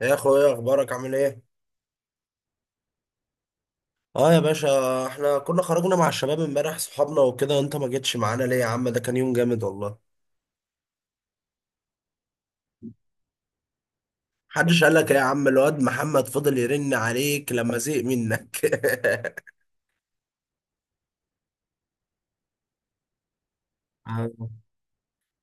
يا اخويا اخبارك عامل ايه؟ اه يا باشا، احنا كنا خرجنا مع الشباب امبارح صحابنا وكده، انت ما جيتش معانا ليه يا عم؟ ده كان يوم جامد والله. محدش قال لك إيه يا عم؟ الواد محمد فضل يرن عليك لما زهق منك. آه.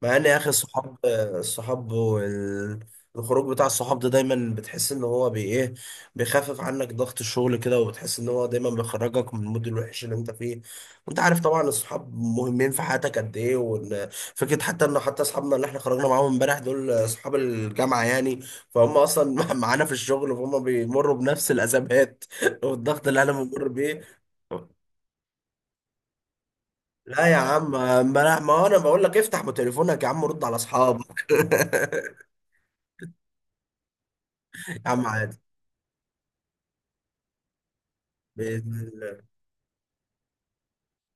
مع ان يا اخي الخروج بتاع الصحاب ده دايما بتحس ان هو بي ايه، بيخفف عنك ضغط الشغل كده، وبتحس ان هو دايما بيخرجك من المود الوحش اللي انت فيه. وانت عارف طبعا الصحاب مهمين في حياتك قد ايه، وان فكره حتى اصحابنا اللي احنا خرجنا معاهم امبارح دول اصحاب الجامعه يعني، فهم اصلا معانا في الشغل، فهم بيمروا بنفس الازمات والضغط اللي انا بمر بيه. لا يا عم، امبارح ما انا بقول لك افتح تليفونك يا عم، رد على اصحابك يا عم عادي، بإذن الله.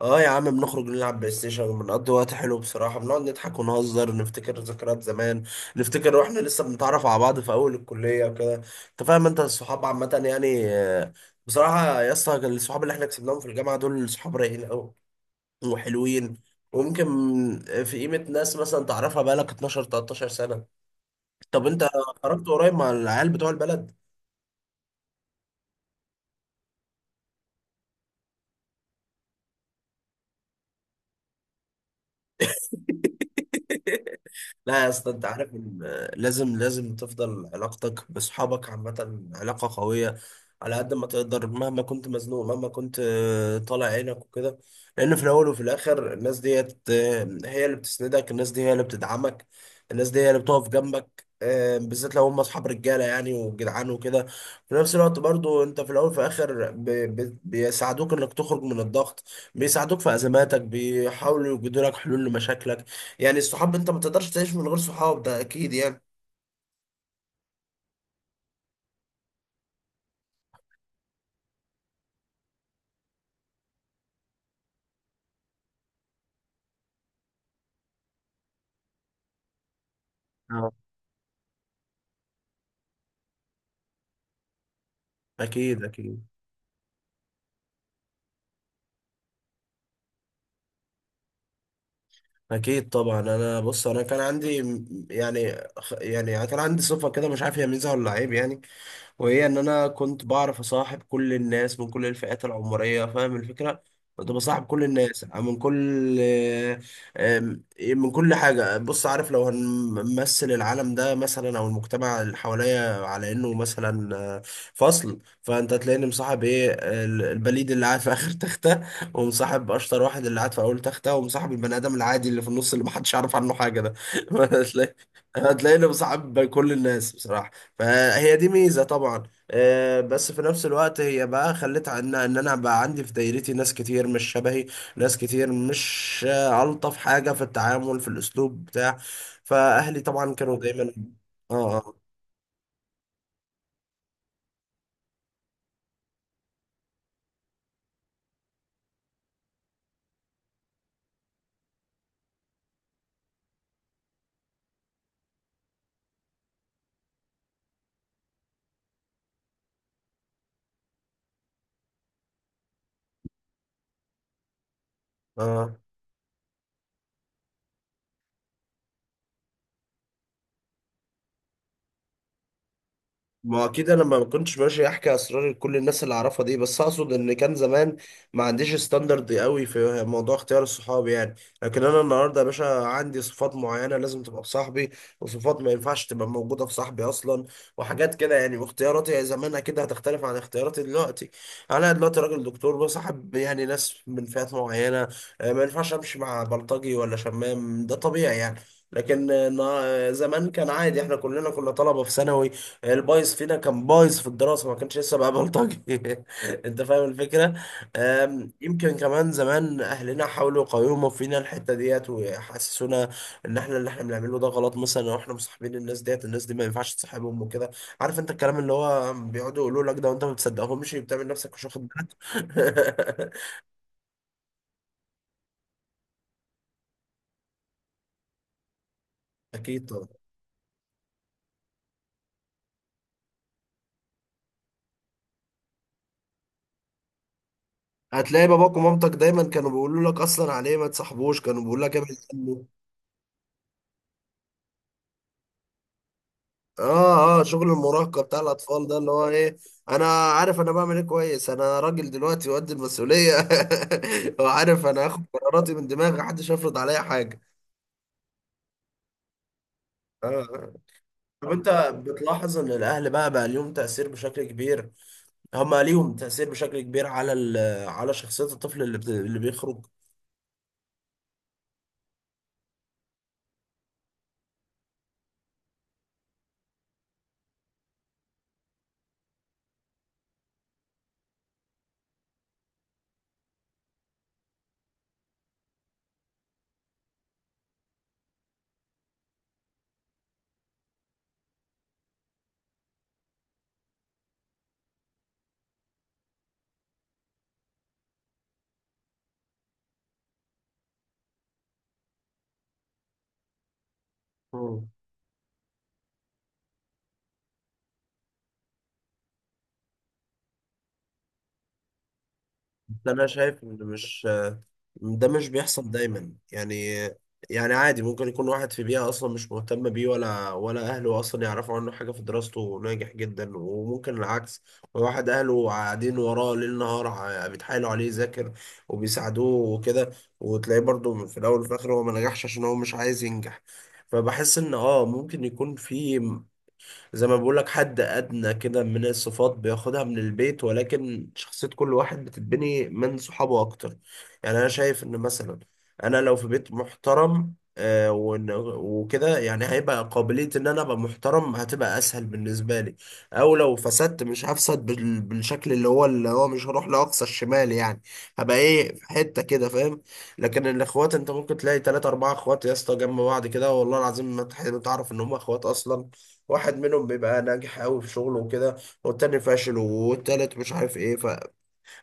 اه يا عم، بنخرج نلعب بلاي ستيشن وبنقضي وقت حلو بصراحة، بنقعد نضحك ونهزر، نفتكر ذكريات زمان، نفتكر واحنا لسه بنتعرف على بعض في أول الكلية وكده. انت فاهم؟ انت الصحاب عامة يعني بصراحة يا اسطى، الصحاب اللي احنا كسبناهم في الجامعة دول صحاب رايقين أوي وحلوين. وممكن في قيمة ناس مثلا تعرفها بقالك 12 13 سنة. طب انت خرجت قريب مع العيال بتوع البلد؟ لا يا اسطى، انت عارف ان لازم تفضل علاقتك باصحابك عامة علاقة قوية على قد ما تقدر، مهما كنت مزنوق، مهما كنت طالع عينك وكده. لان في الاول وفي الاخر الناس ديت هي اللي بتسندك، الناس دي هي اللي بتدعمك، الناس دي هي اللي بتقف جنبك بالذات لو هم اصحاب رجاله يعني وجدعان وكده. في نفس الوقت برضو، انت في الاول وفي الاخر بيساعدوك انك تخرج من الضغط، بيساعدوك في ازماتك، بيحاولوا يوجدوا لك حلول لمشاكلك. يعني الصحاب انت ما تقدرش تعيش من غير صحاب، ده اكيد يعني. اه. اكيد اكيد اكيد طبعا. انا بص، انا كان عندي كان عندي صفه كده، مش عارف هي ميزه ولا عيب يعني. وهي ان انا كنت بعرف اصاحب كل الناس من كل الفئات العمريه، فاهم الفكره؟ كنت بصاحب كل الناس من كل من كل حاجه. بص، عارف لو هنمثل العالم ده مثلا او المجتمع اللي حواليا على انه مثلا فصل، فانت هتلاقيني مصاحب ايه البليد اللي قاعد في اخر تخته، ومصاحب اشطر واحد اللي قاعد في اول تخته، ومصاحب البني ادم العادي اللي في النص اللي محدش يعرف عنه حاجه ده هتلاقي هتلاقيني مصاحب كل الناس بصراحه. فهي دي ميزة طبعا. بس في نفس الوقت هي بقى خلت عنها ان انا بقى عندي في دايرتي ناس كتير مش شبهي، ناس كتير مش الطف حاجة في التعامل في الاسلوب بتاع. فاهلي طبعا كانوا دايما. اه، اه، آه. ما اكيد انا ما كنتش ماشي احكي اسرار لكل الناس اللي اعرفها دي، بس اقصد ان كان زمان ما عنديش ستاندرد قوي في موضوع اختيار الصحاب يعني. لكن انا النهارده يا باشا عندي صفات معينه لازم تبقى في صاحبي، وصفات ما ينفعش تبقى موجوده في صاحبي اصلا، وحاجات كده يعني. واختياراتي زمان اكيد هتختلف عن اختياراتي دلوقتي. انا دلوقتي راجل دكتور، بصاحب يعني ناس من فئات معينه، ما ينفعش امشي مع بلطجي ولا شمام، ده طبيعي يعني. لكن زمان كان عادي، احنا كلنا كنا طلبه في ثانوي، البايظ فينا كان بايظ في الدراسة، ما كانش لسه بقى بلطجي انت فاهم الفكرة؟ يمكن كمان زمان اهلنا حاولوا يقاوموا فينا الحتة ديت ويحسسونا ان احنا اللي احنا بنعمله ده غلط، مثلا لو احنا مصاحبين الناس ديت، الناس دي ما ينفعش تصاحبهم وكده. عارف انت الكلام اللي هو بيقعدوا يقولوا لك ده وانت ما بتصدقهمش، بتعمل نفسك مش واخد بالك اكيد طبعا. هتلاقي باباك ومامتك دايما كانوا بيقولوا لك اصلا عليه ما تصاحبوش، كانوا بيقولوا لك ابعد عنه. اه، شغل المراهقه بتاع الاطفال ده اللي هو ايه. انا عارف انا بعمل ايه كويس، انا راجل دلوقتي وقد المسؤوليه وعارف انا هاخد قراراتي من دماغي، محدش هيفرض عليا حاجه. اه. آه. طب انت بتلاحظ ان الاهل بقى ليهم تاثير بشكل كبير، هم ليهم تاثير بشكل كبير على على شخصيه الطفل اللي بيخرج. مم. ده انا شايف ان مش، ده مش بيحصل دايما يعني. يعني عادي، ممكن يكون واحد في بيئة أصلا مش مهتم بيه، ولا أهله أصلا يعرفوا عنه حاجة في دراسته وناجح جدا، وممكن العكس. واحد أهله قاعدين وراه ليل نهار بيتحايلوا عليه يذاكر وبيساعدوه وكده، وتلاقيه برضه في الأول وفي الآخر هو ما نجحش عشان هو مش عايز ينجح. فبحس إن آه ممكن يكون في، زي ما بقولك، حد أدنى كده من الصفات بياخدها من البيت، ولكن شخصية كل واحد بتتبني من صحابه أكتر. يعني أنا شايف إن مثلا أنا لو في بيت محترم وكده، يعني هيبقى قابلية إن أنا أبقى محترم هتبقى أسهل بالنسبة لي، أو لو فسدت مش هفسد بالشكل اللي هو مش هروح لأقصى الشمال يعني، هبقى إيه في حتة كده، فاهم؟ لكن الإخوات أنت ممكن تلاقي تلاتة أربعة إخوات يا اسطى جنب بعض كده، والله العظيم ما تعرف إن هم إخوات أصلا. واحد منهم بيبقى ناجح قوي في شغله وكده، والتاني فاشل، والتالت مش عارف ايه.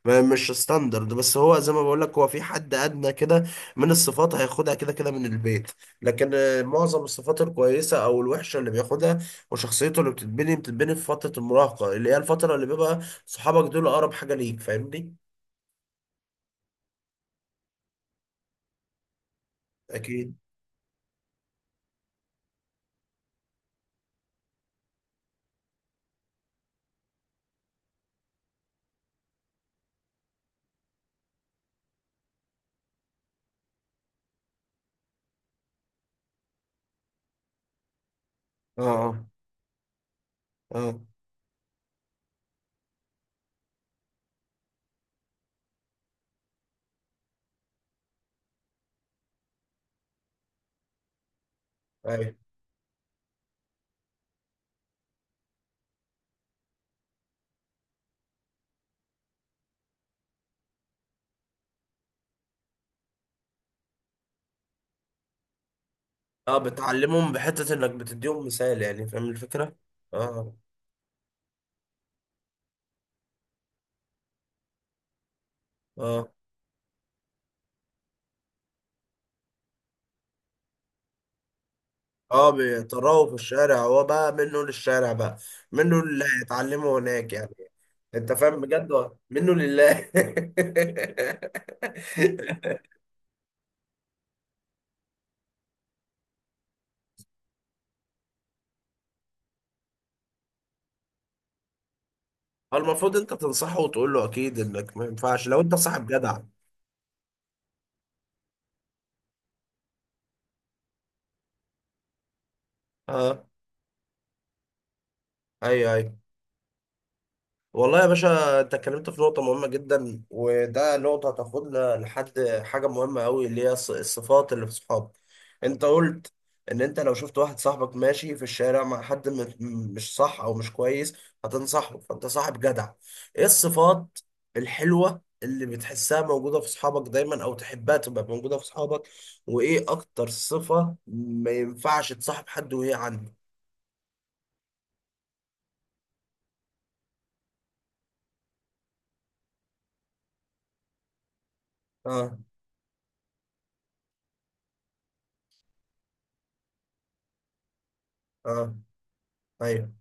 فمش ستاندرد، بس هو زي ما بقول لك، هو في حد ادنى كده من الصفات هياخدها كده كده من البيت. لكن معظم الصفات الكويسه او الوحشه اللي بياخدها وشخصيته اللي بتتبني في فتره المراهقه، اللي هي الفتره اللي بيبقى صحابك دول اقرب حاجه ليك، فاهمني؟ اكيد. اه. اه. اه. ايوه. اه. بتعلمهم بحته انك بتديهم مثال يعني، فاهم الفكره؟ اه. اه. اه. بيطلعوا في الشارع، هو بقى منه للشارع بقى، منه اللي هيتعلمه هناك يعني. انت فاهم بجد ولا؟ منه لله. المفروض انت تنصحه وتقول له اكيد، انك ما ينفعش لو انت صاحب جدع. اه. ايوه ايوه. والله يا باشا، انت اتكلمت في نقطة مهمة جدا، وده نقطة هتاخدنا لحد حاجة مهمة أوي، اللي هي الصفات اللي في الصحاب. انت قلت ان انت لو شفت واحد صاحبك ماشي في الشارع مع حد مش صح او مش كويس هتنصحه، فانت صاحب جدع. ايه الصفات الحلوة اللي بتحسها موجودة في صحابك دايما او تحبها تبقى موجودة في صحابك؟ وايه اكتر صفة ما ينفعش تصاحب حد وهي عنده؟ اه. اه. ايوه.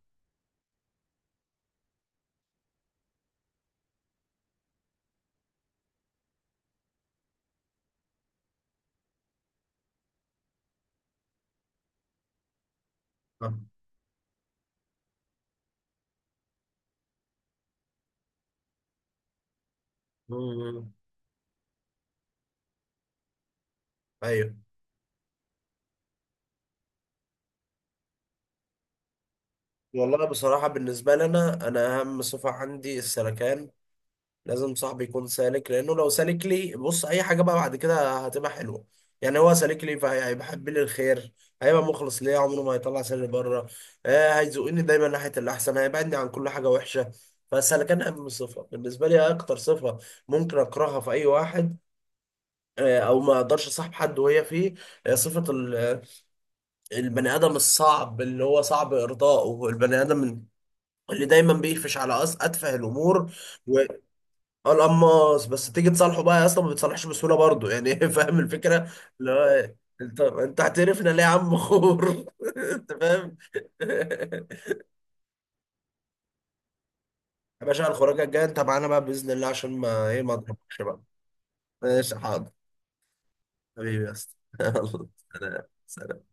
اه. مم. ايوه. والله بصراحة بالنسبة لنا، أنا أهم صفة عندي السلكان، لازم صاحبي يكون سالك. لأنه لو سالك لي بص، أي حاجة بقى بعد كده هتبقى حلوة. يعني هو سالك لي، فهيحب لي الخير، هيبقى مخلص ليا، عمره ما هيطلع سالي بره. آه، هيزقني دايما ناحية الأحسن، هيبعدني عن كل حاجة وحشة. فالسلكان أهم صفة بالنسبة لي. أكتر صفة ممكن أكرهها في أي واحد، او ما اقدرش اصاحب حد وهي فيه، آه، صفة ال- البني ادم الصعب اللي هو صعب ارضائه، البني ادم اللي دايما بيقفش على أس أتفه الأمور، والقماص. بس تيجي تصالحه بقى، أصلا ما بتصالحش بسهولة برضه يعني فاهم الفكرة؟ لا، انت هتقرفنا ليه يا عم خور؟ انت فاهم؟ يا باشا، الخراجه الجايه انت معانا بقى باذن الله، عشان ما ايه، ما اضربكش بقى. ماشي، حاضر. حبيبي يا اسطى يلا سلام. سلام.